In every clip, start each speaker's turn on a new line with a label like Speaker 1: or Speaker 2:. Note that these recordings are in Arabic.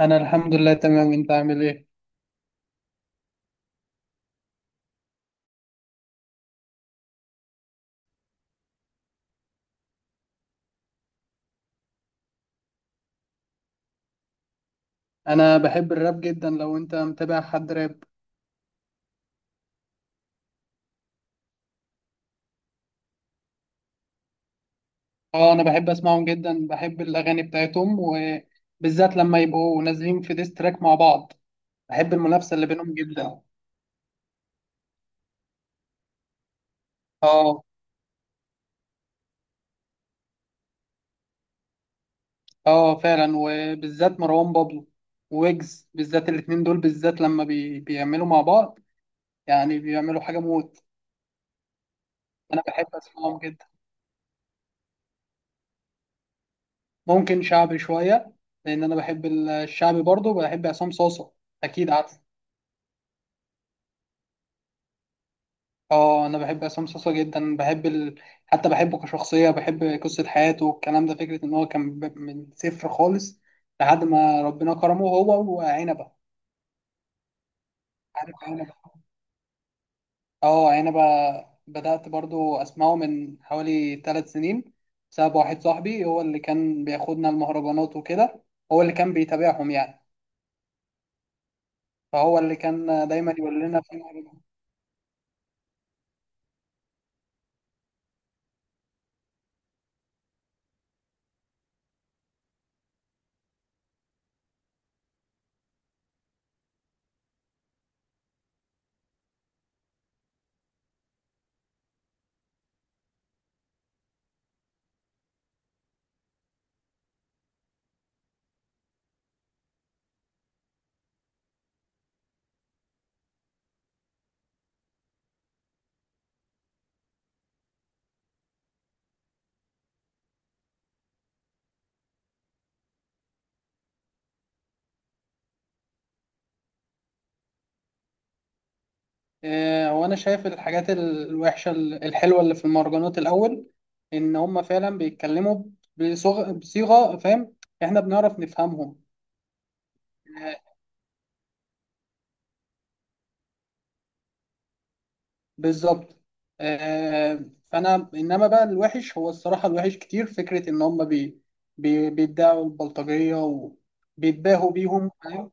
Speaker 1: انا الحمد لله تمام. انت عامل ايه؟ انا بحب الراب جدا. لو انت متابع حد راب، اه انا بحب اسمعهم جدا، بحب الاغاني بتاعتهم، وبالذات لما يبقوا نازلين في ديس تراك مع بعض. بحب المنافسه اللي بينهم جدا. اه. اه فعلا، وبالذات مروان بابلو ويجز، بالذات الاتنين دول، بالذات لما بيعملوا مع بعض، يعني بيعملوا حاجه موت. انا بحب اسمعهم جدا. ممكن شعبي شويه، لان انا بحب الشعبي برضه. بحب عصام صاصا، اكيد عارف. اه، انا بحب عصام صاصا جدا. بحب حتى بحبه كشخصيه، بحب قصه حياته والكلام ده. فكره ان هو كان من صفر خالص لحد ما ربنا كرمه هو وعنبه. عارف عنبه؟ اه عنبه. بدات برضو اسمعه من حوالي 3 سنين، بسبب واحد صاحبي هو اللي كان بياخدنا المهرجانات وكده. هو اللي كان بيتابعهم يعني، فهو اللي كان دايما يقول لنا في مهرجان. وانا شايف الحاجات الوحشه الحلوه اللي في المهرجانات. الاول، ان هم فعلا بيتكلموا بصيغه، فاهم؟ احنا بنعرف نفهمهم. آه، بالظبط. آه، فانا انما بقى الوحش، هو الصراحه الوحش كتير فكره ان هم بي بي بيدعوا البلطجيه وبيتباهوا بيهم، فاهم؟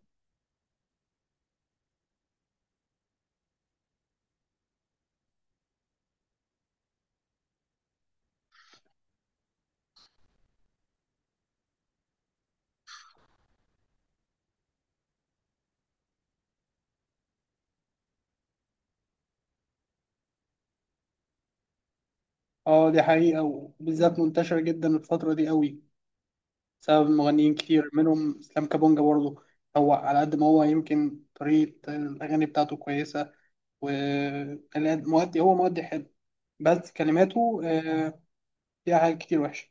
Speaker 1: اه دي حقيقه، وبالذات منتشره جدا الفتره دي قوي، بسبب مغنيين كتير منهم اسلام كابونجا برضه. هو على قد ما هو يمكن طريقة الأغاني بتاعته كويسة، والمؤدي هو مؤدي حلو، بس كلماته فيها حاجات كتير وحشة.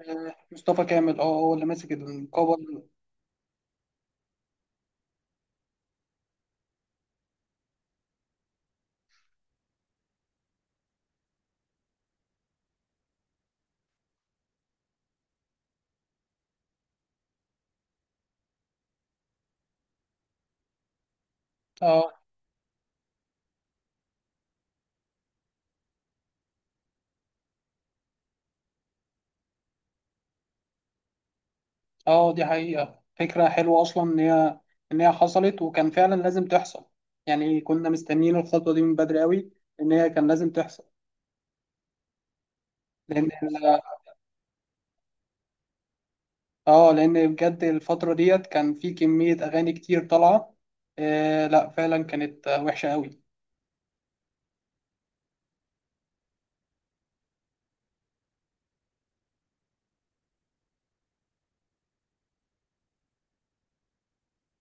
Speaker 1: آه، مصطفى كامل. اه هو اللي ماسك القبر. اه. اه دي حقيقة، فكرة حلوة أصلا إن هي حصلت وكان فعلا لازم تحصل. يعني كنا مستنيين الخطوة دي من بدري أوي، إن هي كان لازم تحصل. لأن، اه لان بجد الفتره ديت كان في كميه اغاني كتير طالعه. آه لا فعلا كانت وحشه قوي.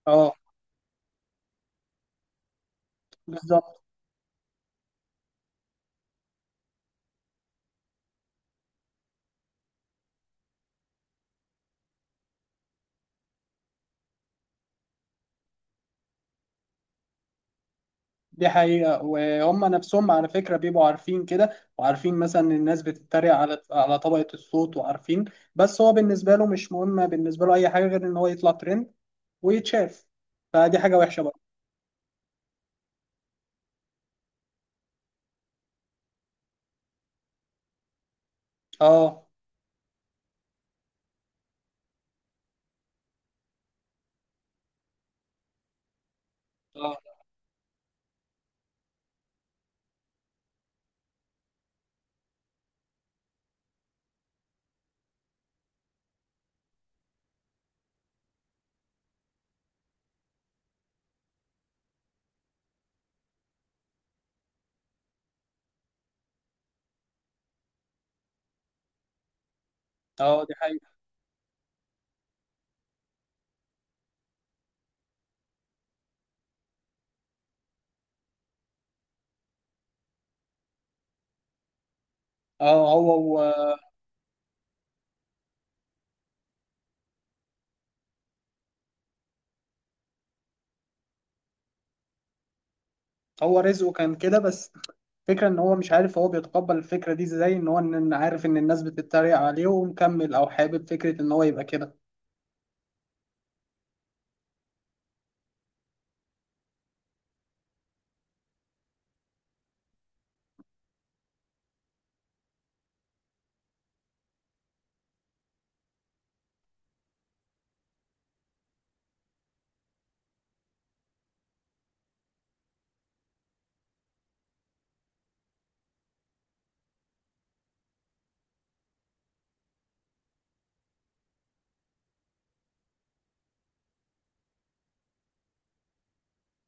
Speaker 1: اه بالظبط. دي حقيقه، وهم نفسهم على فكره بيبقوا عارفين كده، وعارفين مثلا إن الناس بتتريق على طبقه الصوت، وعارفين. بس هو بالنسبه له مش مهم، بالنسبه له اي حاجه غير ان هو يطلع ترند ويتشاف. فدي حاجه وحشه بقى. اه. اه اه دي حقيقه. اه. هو رزقه كان كده بس. فكرة ان هو مش عارف هو بيتقبل الفكرة دي ازاي، ان هو ان إن عارف ان الناس بتتريق عليه ومكمل، او حابب فكرة ان هو يبقى كده.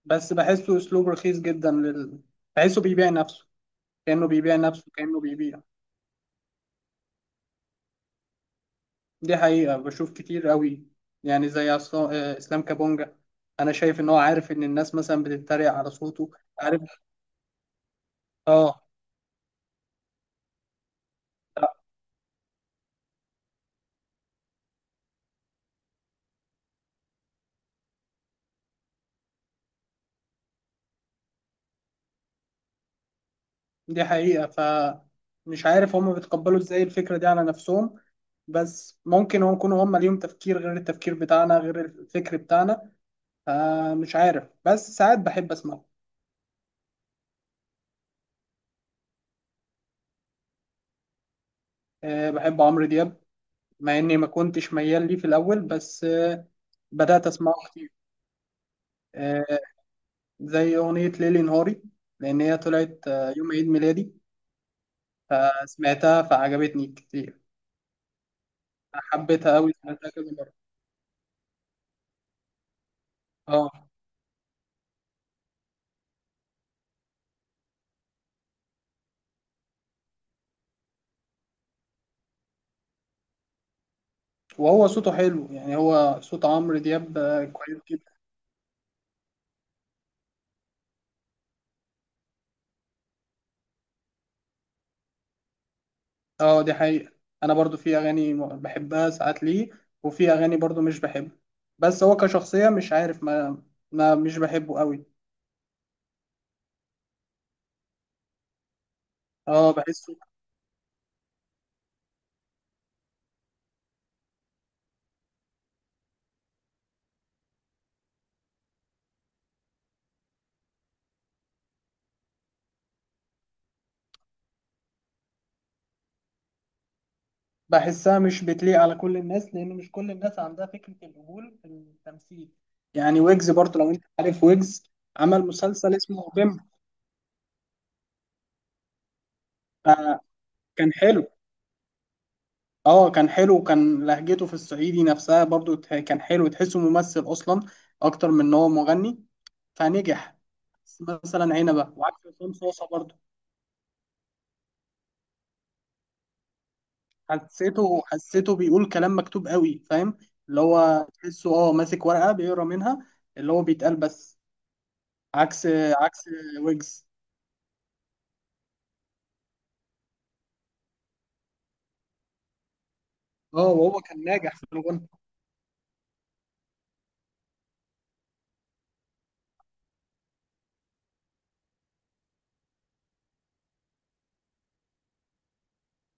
Speaker 1: بس بحسه اسلوب رخيص جدا بحسه بيبيع نفسه، كأنه بيبيع نفسه، كأنه بيبيع دي حقيقة بشوف كتير قوي. يعني زي آه، اسلام كابونجا، انا شايف ان هو عارف ان الناس مثلا بتتريق على صوته. عارف. اه دي حقيقة. فمش عارف هم بيتقبلوا ازاي الفكرة دي على نفسهم، بس ممكن هم يكونوا هم ليهم تفكير غير التفكير بتاعنا، غير الفكر بتاعنا. فمش عارف، بس ساعات بحب اسمعه. أه بحب عمرو دياب، مع اني ما كنتش ميال ليه في الاول، بس أه بدأت اسمعه كتير. أه، زي اغنية ليلي نهاري، لان هي طلعت آه، يوم عيد ميلادي. فسمعتها فعجبتني كتير، حبيتها قوي، سمعتها كذا مرة. اه. وهو صوته حلو، يعني هو صوت عمرو دياب آه، كويس جدا. اه دي حقيقة. انا برضو في اغاني بحبها ساعات ليه، وفي اغاني برضو مش بحبها. بس هو كشخصية مش عارف ما, ما مش بحبه قوي. اه بحسه. بحسها مش بتليق على كل الناس، لان مش كل الناس عندها فكرة القبول في التمثيل. يعني ويجز برضو، لو انت عارف ويجز، عمل مسلسل اسمه بيمب. آه، كان حلو. اه كان حلو. وكان لهجته في الصعيدي نفسها برضو كان حلو، تحسه ممثل اصلا اكتر من ان هو مغني، فنجح. مثلا عنبه وعكس عصام صاصه برضو. حسيته، حسيته بيقول كلام مكتوب قوي، فاهم؟ اللي هو تحسه اه ماسك ورقه بيقرا منها، اللي هو بيتقال بس. عكس عكس ويجز. اه وهو كان ناجح في الغنى.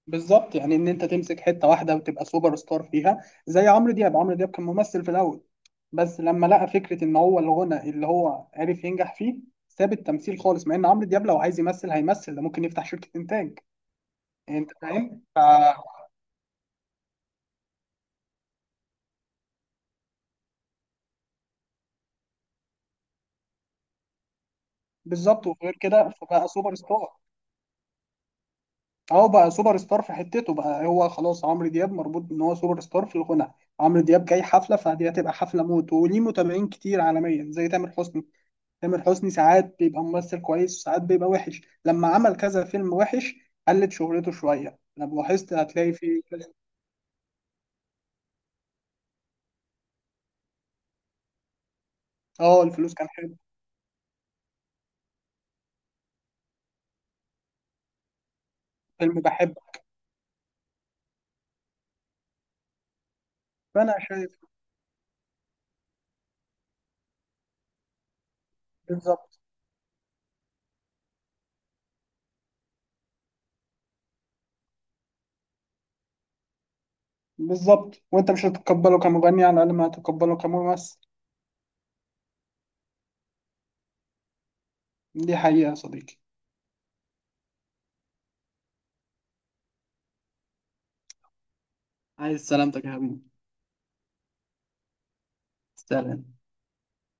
Speaker 1: بالظبط، يعني ان انت تمسك حته واحده وتبقى سوبر ستار فيها، زي عمرو دياب. عمرو دياب كان ممثل في الاول، بس لما لقى فكره ان هو الغنى اللي هو عرف ينجح فيه، ساب التمثيل خالص. مع ان عمرو دياب لو عايز يمثل هيمثل، ده ممكن يفتح شركه انتاج. انت فاهم بالظبط. وغير كده، فبقى سوبر ستار. اهو بقى سوبر ستار في حتته بقى. هو خلاص عمرو دياب مربوط ان هو سوبر ستار في الغنى. عمرو دياب جاي حفله، فدي هتبقى حفله موت، وليه متابعين كتير عالميا زي تامر حسني. تامر حسني ساعات بيبقى ممثل كويس، وساعات بيبقى وحش، لما عمل كذا فيلم وحش قلت شهرته شوية. لو لاحظت هتلاقي فيه اه الفلوس كان حلو. فيلم بحبه. فأنا شايف. بالظبط. بالظبط. وأنت مش هتتقبله كمغني، على الأقل ما هتتقبله كممثل. دي حقيقة يا صديقي. عايز سلامتك يا حبيبي. سلام.